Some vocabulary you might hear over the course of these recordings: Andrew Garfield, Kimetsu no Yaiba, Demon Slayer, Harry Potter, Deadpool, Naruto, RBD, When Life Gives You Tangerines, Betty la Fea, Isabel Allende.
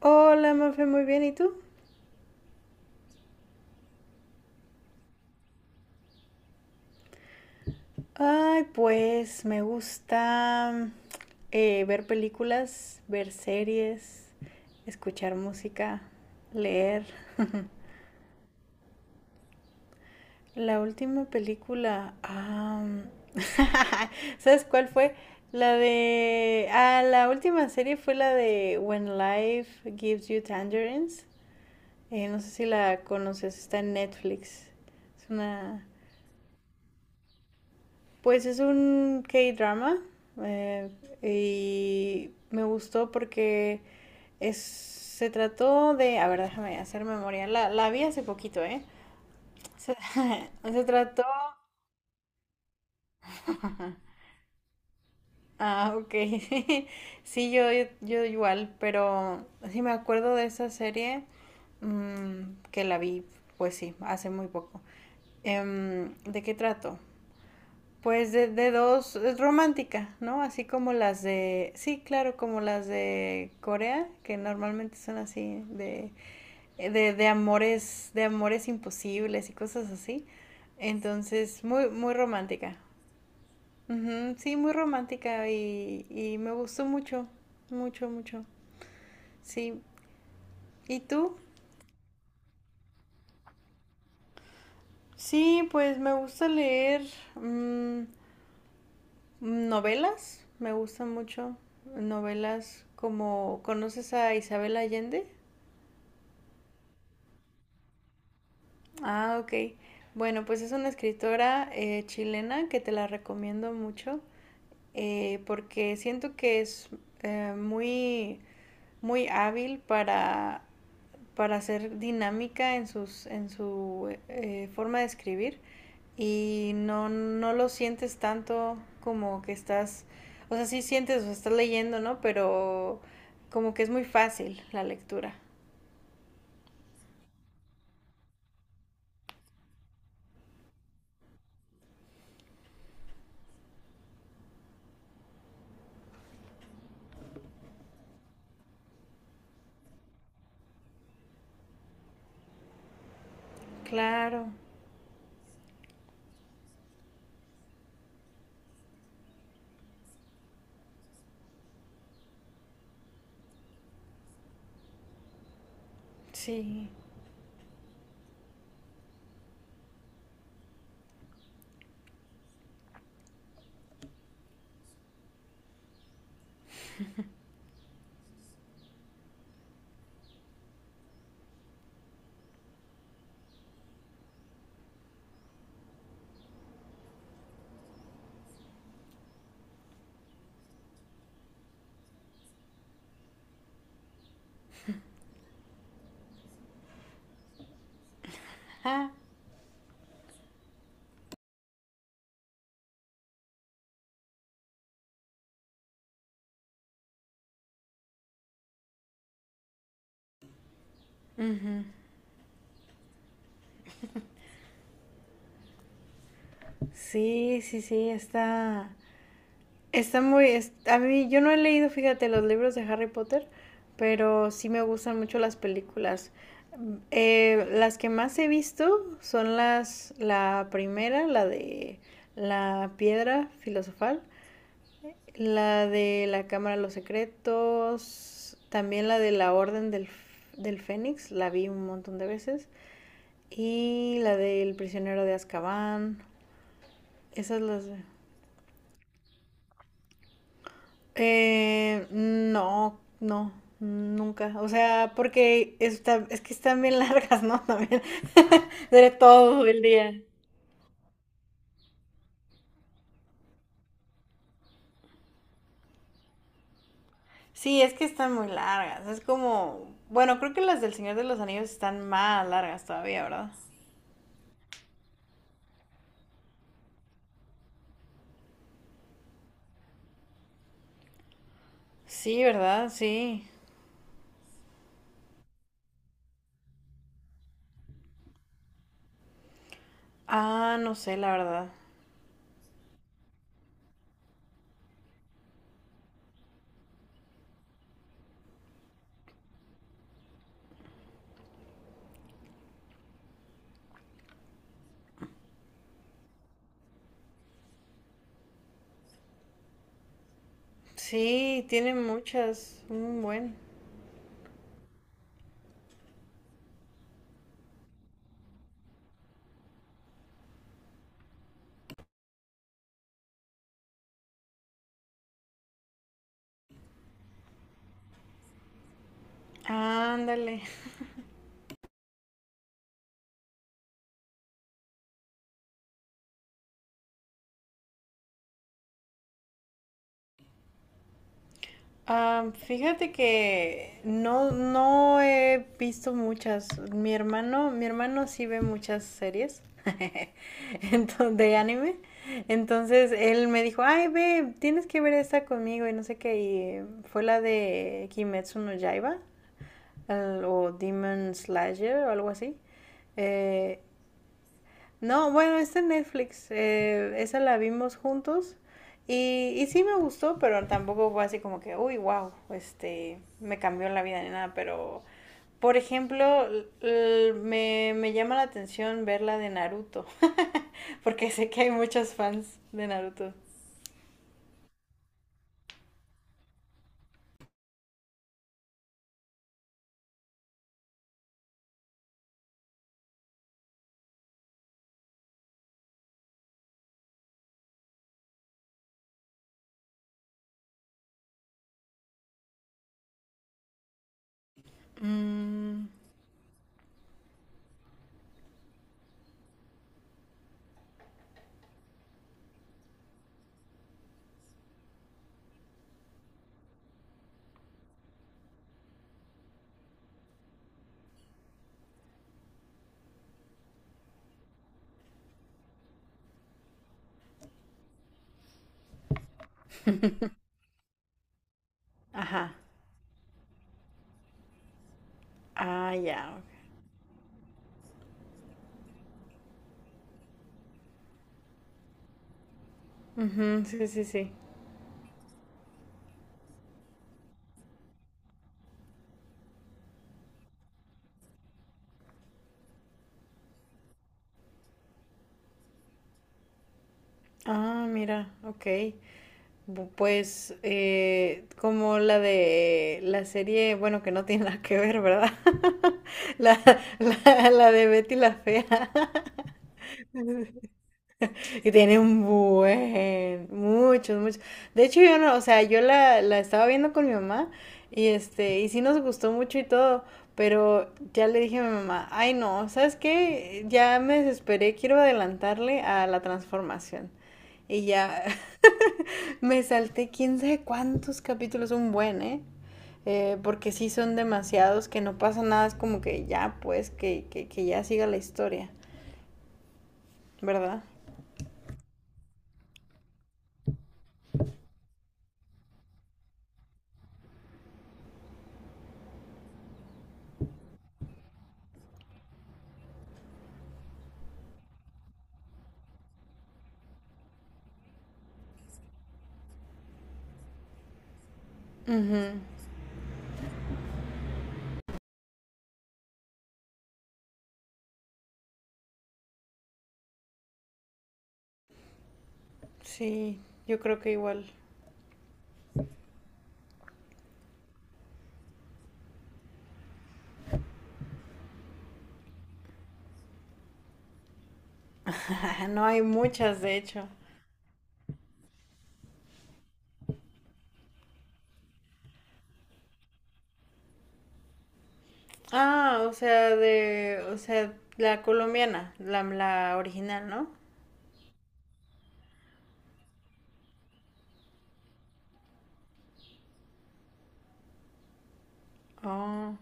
Hola, Mafe, muy bien, ¿y tú? Ay, pues me gusta ver películas, ver series, escuchar música, leer. La última película, ¿sabes cuál fue? La última serie fue la de When Life Gives You Tangerines. No sé si la conoces, está en Netflix. Es una... Pues es un K-drama eh, y me gustó porque se trató de, a ver, déjame hacer memoria, la vi hace poquito, ¿eh? Se, se trató, ah, ok, sí, yo igual, pero sí me acuerdo de esa serie, que la vi, pues sí, hace muy poco. ¿De qué trato? Pues de dos, es romántica, ¿no? Así como las de, sí, claro, como las de Corea, que normalmente son así, de amores imposibles y cosas así. Entonces, muy, muy romántica. Ujú. Sí, muy romántica y me gustó mucho, mucho, mucho. Sí. ¿Y tú? Sí, pues me gusta leer. mm, Novelas, me gustan mucho. Novelas como, ¿conoces a Isabel Allende? Ah, ok. Bueno, pues es una escritora chilena que te la recomiendo mucho, porque siento que es eh, muy, muy hábil para ser dinámica en, en su forma de escribir y no lo sientes tanto como que estás, o sea, sí sientes, o sea, estás leyendo, ¿no? Pero como que es muy fácil la lectura. Claro, sí. Ah. Ujú. Sí, está. Está muy, a mí yo no he leído, fíjate, los libros de Harry Potter, pero sí me gustan mucho las películas. Mm, las que más he visto son las, la primera, la de la piedra filosofal, la de la Cámara de los Secretos, también la de la Orden del Fénix, la vi un montón de veces, y la del prisionero de Azkaban, esas las... no, nunca. O sea, porque es que están bien largas, ¿no? También. De todo el día. Sí, es que están muy largas. Es como, bueno, creo que las del Señor de los Anillos están más largas todavía, ¿verdad? Sí, ¿verdad? Sí. Ah, no sé, la verdad. Sí, tiene muchas. Un buen. Ándale. Ah, fíjate que no, no he visto muchas. Mi hermano sí ve muchas series entonces, de anime. Entonces él me dijo, ay, ve, tienes que ver esta conmigo y no sé qué. Y fue la de Kimetsu no Yaiba o Demon Slayer o algo así. Eh, no, Bueno, está en Netflix. Esa la vimos juntos. Y sí me gustó, pero tampoco fue así como que, uy, wow, este, me cambió la vida ni nada. Pero, por ejemplo, me llama la atención ver la de Naruto. Porque sé que hay muchos fans de Naruto. Mm, ajá. Ah, ya. Ok. Ujú, sí, sí, sí. Ah, mira, ok. Pues como la de la serie, bueno, que no tiene nada que ver, ¿verdad? La, la de Betty la Fea. Y tiene un buen, muchos, muchos. De hecho, yo no, o sea, yo la, la estaba viendo con mi mamá y este, y sí nos gustó mucho y todo, pero ya le dije a mi mamá, ay no, ¿sabes qué? Ya me desesperé, quiero adelantarle a la transformación. Y ya, me salté quién sabe cuántos capítulos, un buen, ¿eh? Porque sí son demasiados, que no pasa nada, es como que ya, pues, que ya siga la historia, ¿verdad? Sí, yo creo que igual. No hay muchas, de hecho. Ah, o sea, de, o sea, la colombiana, la original, ¿no? Oh.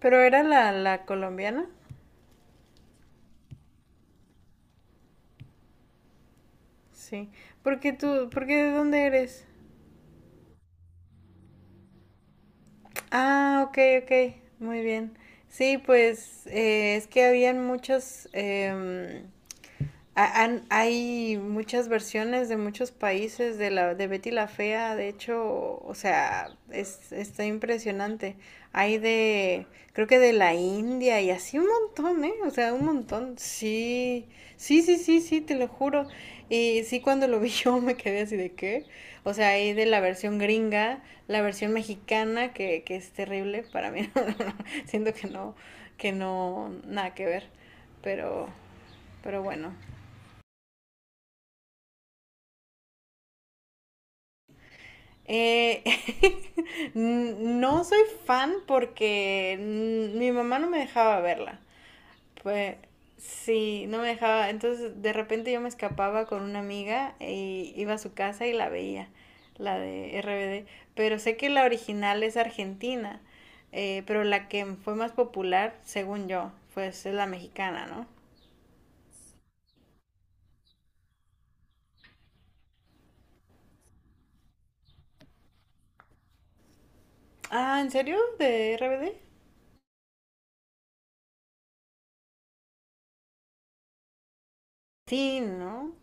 ¿Pero era la colombiana? Sí. ¿Por qué tú, por qué De dónde eres? Ah, ok, ok, muy bien. Sí, pues es que habían muchos, hay muchas versiones de muchos países de la de Betty la Fea, de hecho, o sea, es, está impresionante. Hay de, creo que de la India y así un montón, ¿eh? O sea, un montón. Sí, sí, te lo juro. Y sí, cuando lo vi yo me quedé así de qué. O sea, hay de la versión gringa, la versión mexicana, que es terrible para mí. Siento que que no, nada que ver. Pero, pero bueno. Eh, no soy fan porque mi mamá no me dejaba verla. Pues sí, no me dejaba. Entonces de repente yo me escapaba con una amiga y iba a su casa y la veía, la de RBD. Pero sé que la original es argentina, pero la que fue más popular, según yo, pues es la mexicana, ¿no? Ah, ¿en serio? ¿De RBD? Sí, ¿no?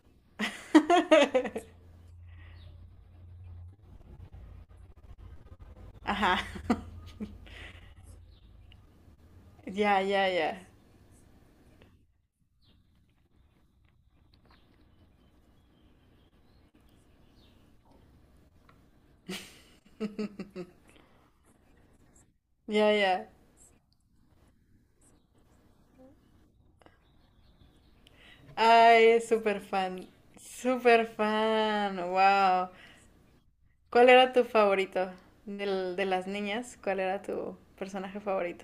Ajá. Ya, ya, ya. Ya, ya. Ay, súper fan. Súper fan. Wow. ¿Cuál era tu favorito de las niñas? ¿Cuál era tu personaje favorito?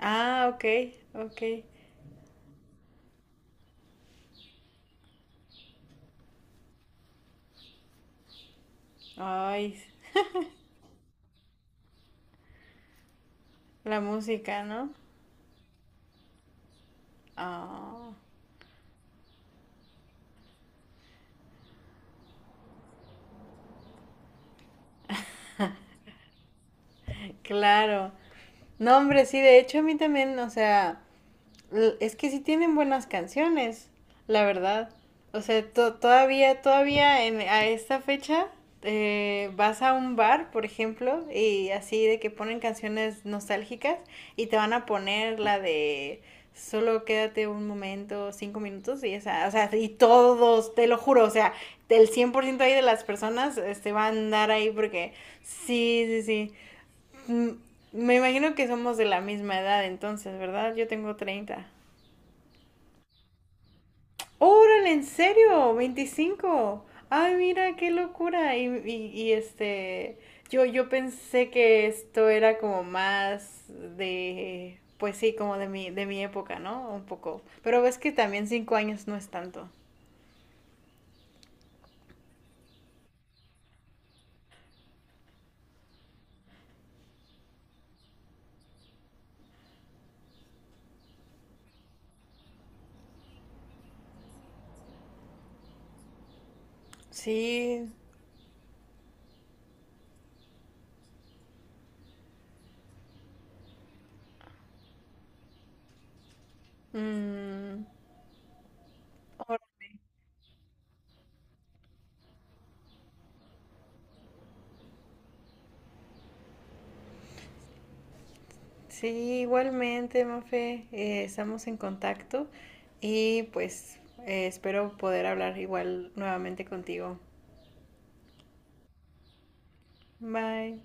Ah, ok, ok. Ay, la música, ¿no? Ah, claro. No, hombre, sí, de hecho a mí también, o sea, es que sí tienen buenas canciones, la verdad. O sea, todavía, todavía a esta fecha vas a un bar, por ejemplo, y así de que ponen canciones nostálgicas y te van a poner la de solo quédate un momento, 5 minutos y esa, o sea, y todos, te lo juro, o sea, el 100% ahí de las personas este, van a andar ahí porque sí, sí, sí. Mm, me imagino que somos de la misma edad entonces, ¿verdad? Yo tengo 30. ¡Órale, en serio! 25. ¡Ay, mira, qué locura! Y, este, yo pensé que esto era como más de, pues sí, como de mi época, ¿no? Un poco. Pero ves que también 5 años no es tanto. Sí. mm, ahora- sí, igualmente, Mafe. Estamos en contacto y pues espero poder hablar igual nuevamente contigo. Bye.